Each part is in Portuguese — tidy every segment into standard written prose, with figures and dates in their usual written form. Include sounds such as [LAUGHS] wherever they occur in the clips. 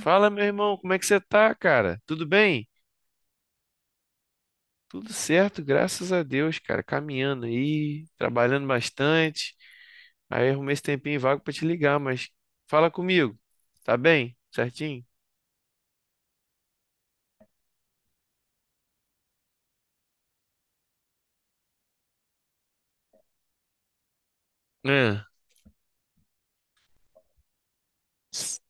Fala, meu irmão, como é que você tá, cara? Tudo bem? Tudo certo, graças a Deus, cara. Caminhando aí, trabalhando bastante. Aí arrumei esse tempinho vago pra te ligar, mas fala comigo. Tá bem? Certinho? É. S-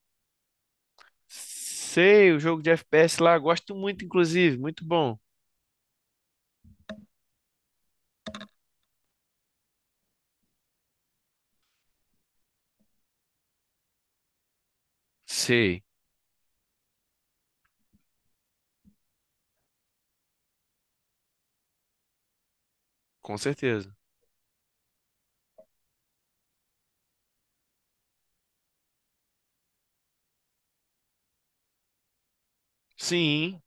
Sei, o jogo de FPS lá, gosto muito, inclusive, muito bom. Sei, com certeza. Sim,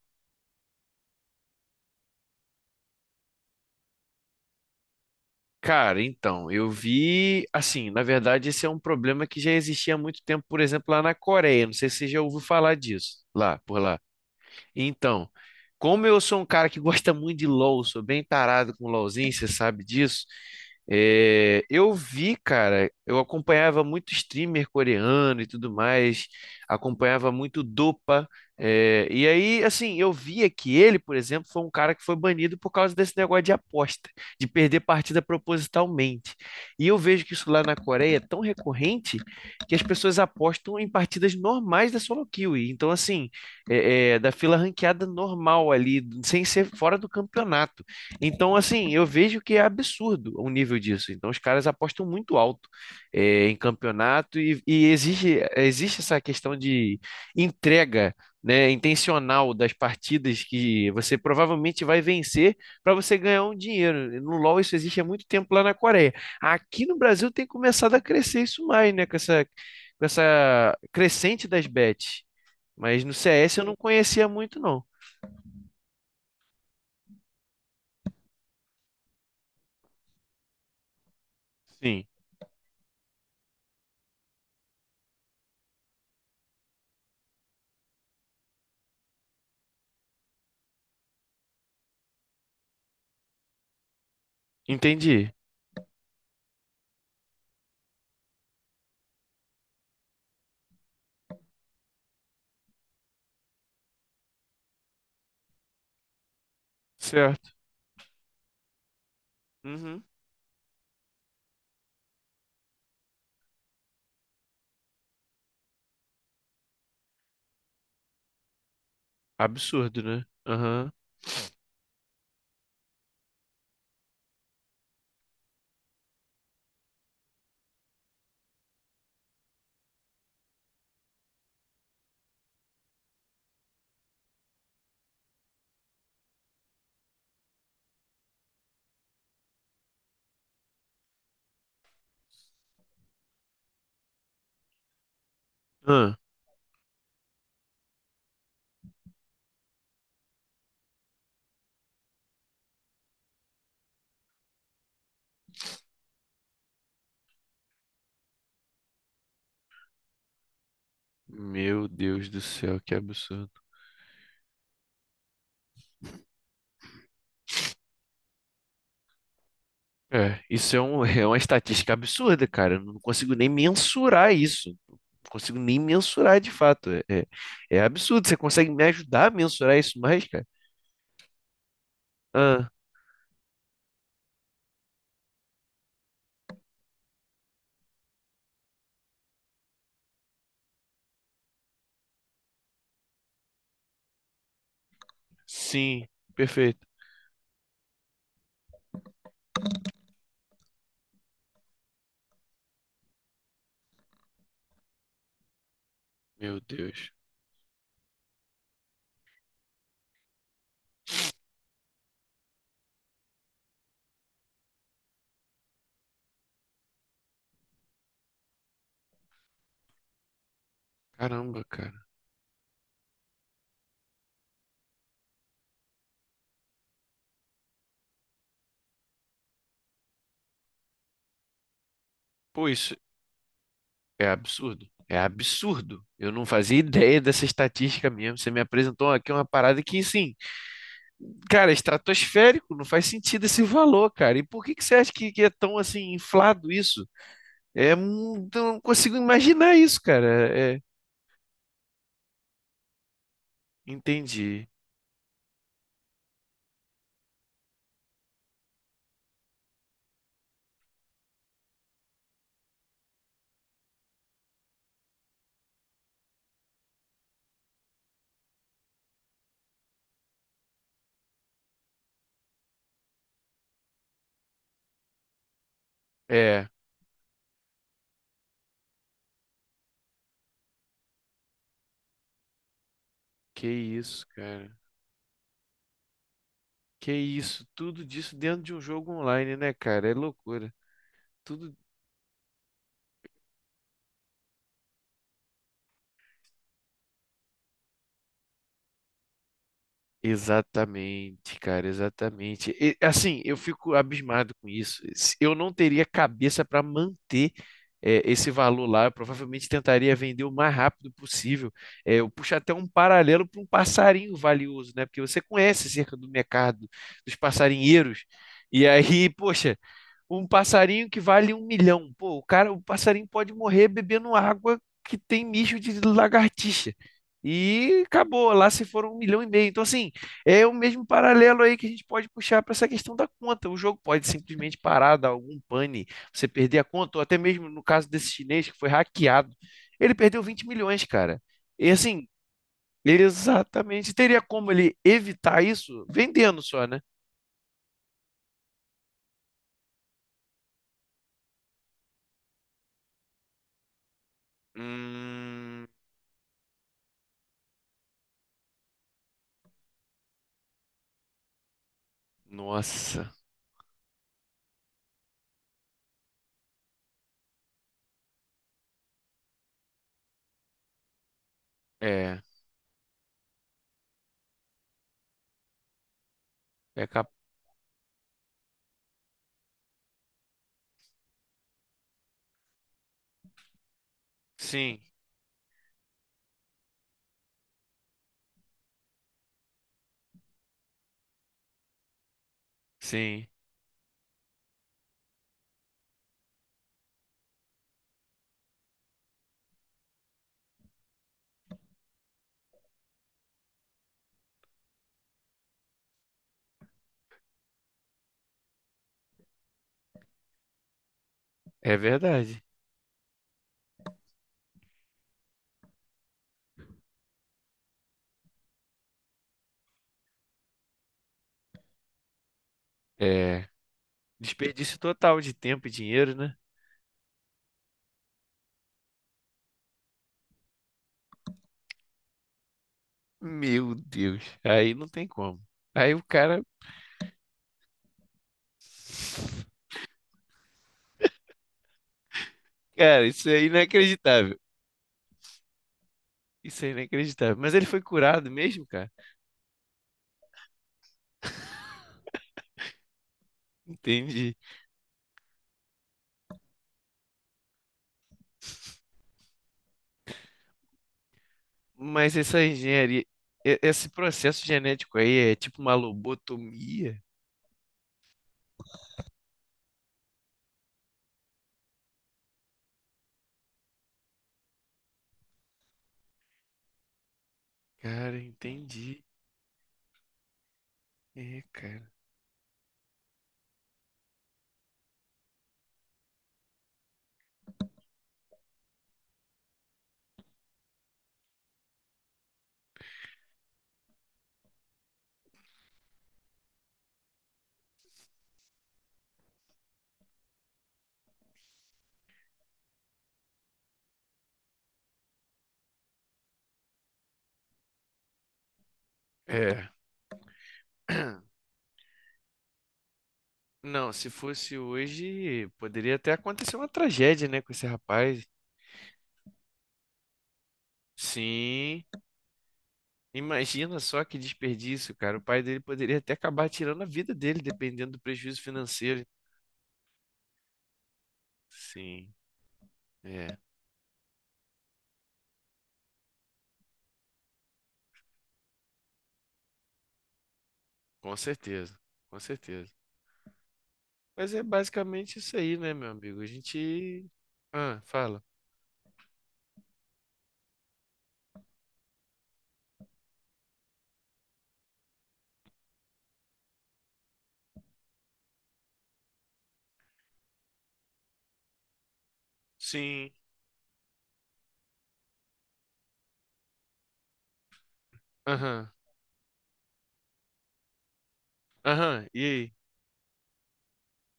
cara, então, eu vi, assim, na verdade, esse é um problema que já existia há muito tempo, por exemplo, lá na Coreia. Não sei se você já ouviu falar disso, lá, por lá. Então, como eu sou um cara que [LAUGHS] gosta muito de LoL, sou bem tarado com LoLzinho, você sabe disso. É, eu vi, cara, eu acompanhava muito streamer coreano e tudo mais, acompanhava muito Dopa, e aí, assim, eu via que ele, por exemplo, foi um cara que foi banido por causa desse negócio de aposta, de perder partida propositalmente. E eu vejo que isso lá na Coreia é tão recorrente que as pessoas apostam em partidas normais da solo queue. Então, assim, da fila ranqueada normal ali, sem ser fora do campeonato. Então, assim, eu vejo que é absurdo o nível disso. Então, os caras apostam muito alto em campeonato e existe essa questão de entrega. Né, intencional das partidas que você provavelmente vai vencer para você ganhar um dinheiro. No LoL isso existe há muito tempo lá na Coreia. Aqui no Brasil tem começado a crescer isso mais, né, com essa crescente das bets. Mas no CS eu não conhecia muito, não. Sim, entendi. Certo. Uhum. Absurdo, né? Aham. Ah. Meu Deus do céu, que absurdo. É, isso é, um, [LAUGHS] é uma estatística absurda, cara. Eu não consigo nem mensurar isso. Não consigo nem mensurar de fato. É absurdo. Você consegue me ajudar a mensurar isso mais, cara? Ah, sim, perfeito. Meu Deus. Caramba, cara. Pô, isso é absurdo. É absurdo. Eu não fazia [LAUGHS] ideia dessa estatística mesmo. Você me apresentou aqui uma parada que, sim, cara, é estratosférico, não faz sentido esse valor, cara. E por que que você acha que é tão, assim, inflado isso? É, eu não consigo imaginar isso, cara. É, é, entendi. É, que isso, cara. Que isso. Tudo disso dentro de um jogo online, né, cara? É loucura. Tudo exatamente, cara, exatamente. E, assim, eu fico abismado com isso. Se eu não teria cabeça para manter esse valor lá. Eu provavelmente tentaria vender o mais rápido possível. Eu puxo até um paralelo para um passarinho valioso, né? Porque você conhece cerca do mercado dos passarinheiros. E aí, poxa, um passarinho que vale 1 milhão. Pô, o cara, o passarinho pode morrer bebendo água que tem mijo de lagartixa. E acabou, lá se foram 1 milhão e meio. Então, assim, é o mesmo paralelo aí que a gente pode puxar para essa questão da conta. O jogo pode simplesmente parar, dar algum pane, você perder a conta, ou até mesmo no caso desse chinês que foi hackeado, ele perdeu 20 milhões, cara. E assim, ele exatamente teria como ele evitar isso vendendo só, né? Hum, nossa, é. É capaz. Sim, sim, é verdade. É desperdício total de tempo e dinheiro, né? Meu Deus, aí não tem como. Aí o cara, cara, isso é inacreditável. Isso é inacreditável. Mas ele foi curado mesmo, cara? Entendi. Mas essa engenharia, esse processo genético aí é tipo uma lobotomia? Cara, entendi. É, cara. É. Não, se fosse hoje, poderia até acontecer uma tragédia, né, com esse rapaz. Sim. Imagina só que desperdício, cara. O pai dele poderia até acabar tirando a vida dele, dependendo do prejuízo financeiro. Sim, é, com certeza, com certeza. Mas é basicamente isso aí, né, meu amigo? A gente. Ah, fala. Sim. Aham. Aham. E aí?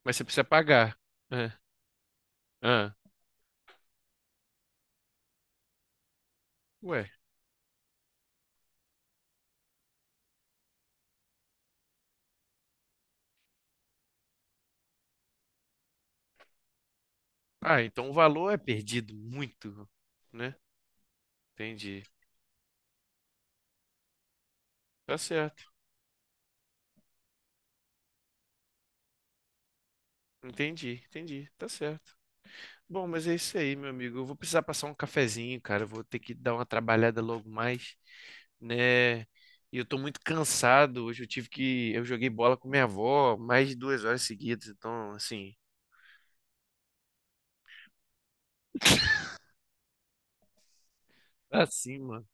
Mas você precisa pagar. Ah, ah. Ué. Ah, então o valor é perdido muito, né? Entendi. Tá certo. Entendi. Tá certo. Bom, mas é isso aí, meu amigo. Eu vou precisar passar um cafezinho, cara. Eu vou ter que dar uma trabalhada logo mais, né? E eu tô muito cansado. Hoje eu tive que. Eu joguei bola com minha avó mais de 2 horas seguidas. Então, assim, tá assim, mano.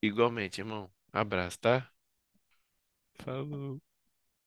Igualmente, irmão. Abraço, tá? Falou.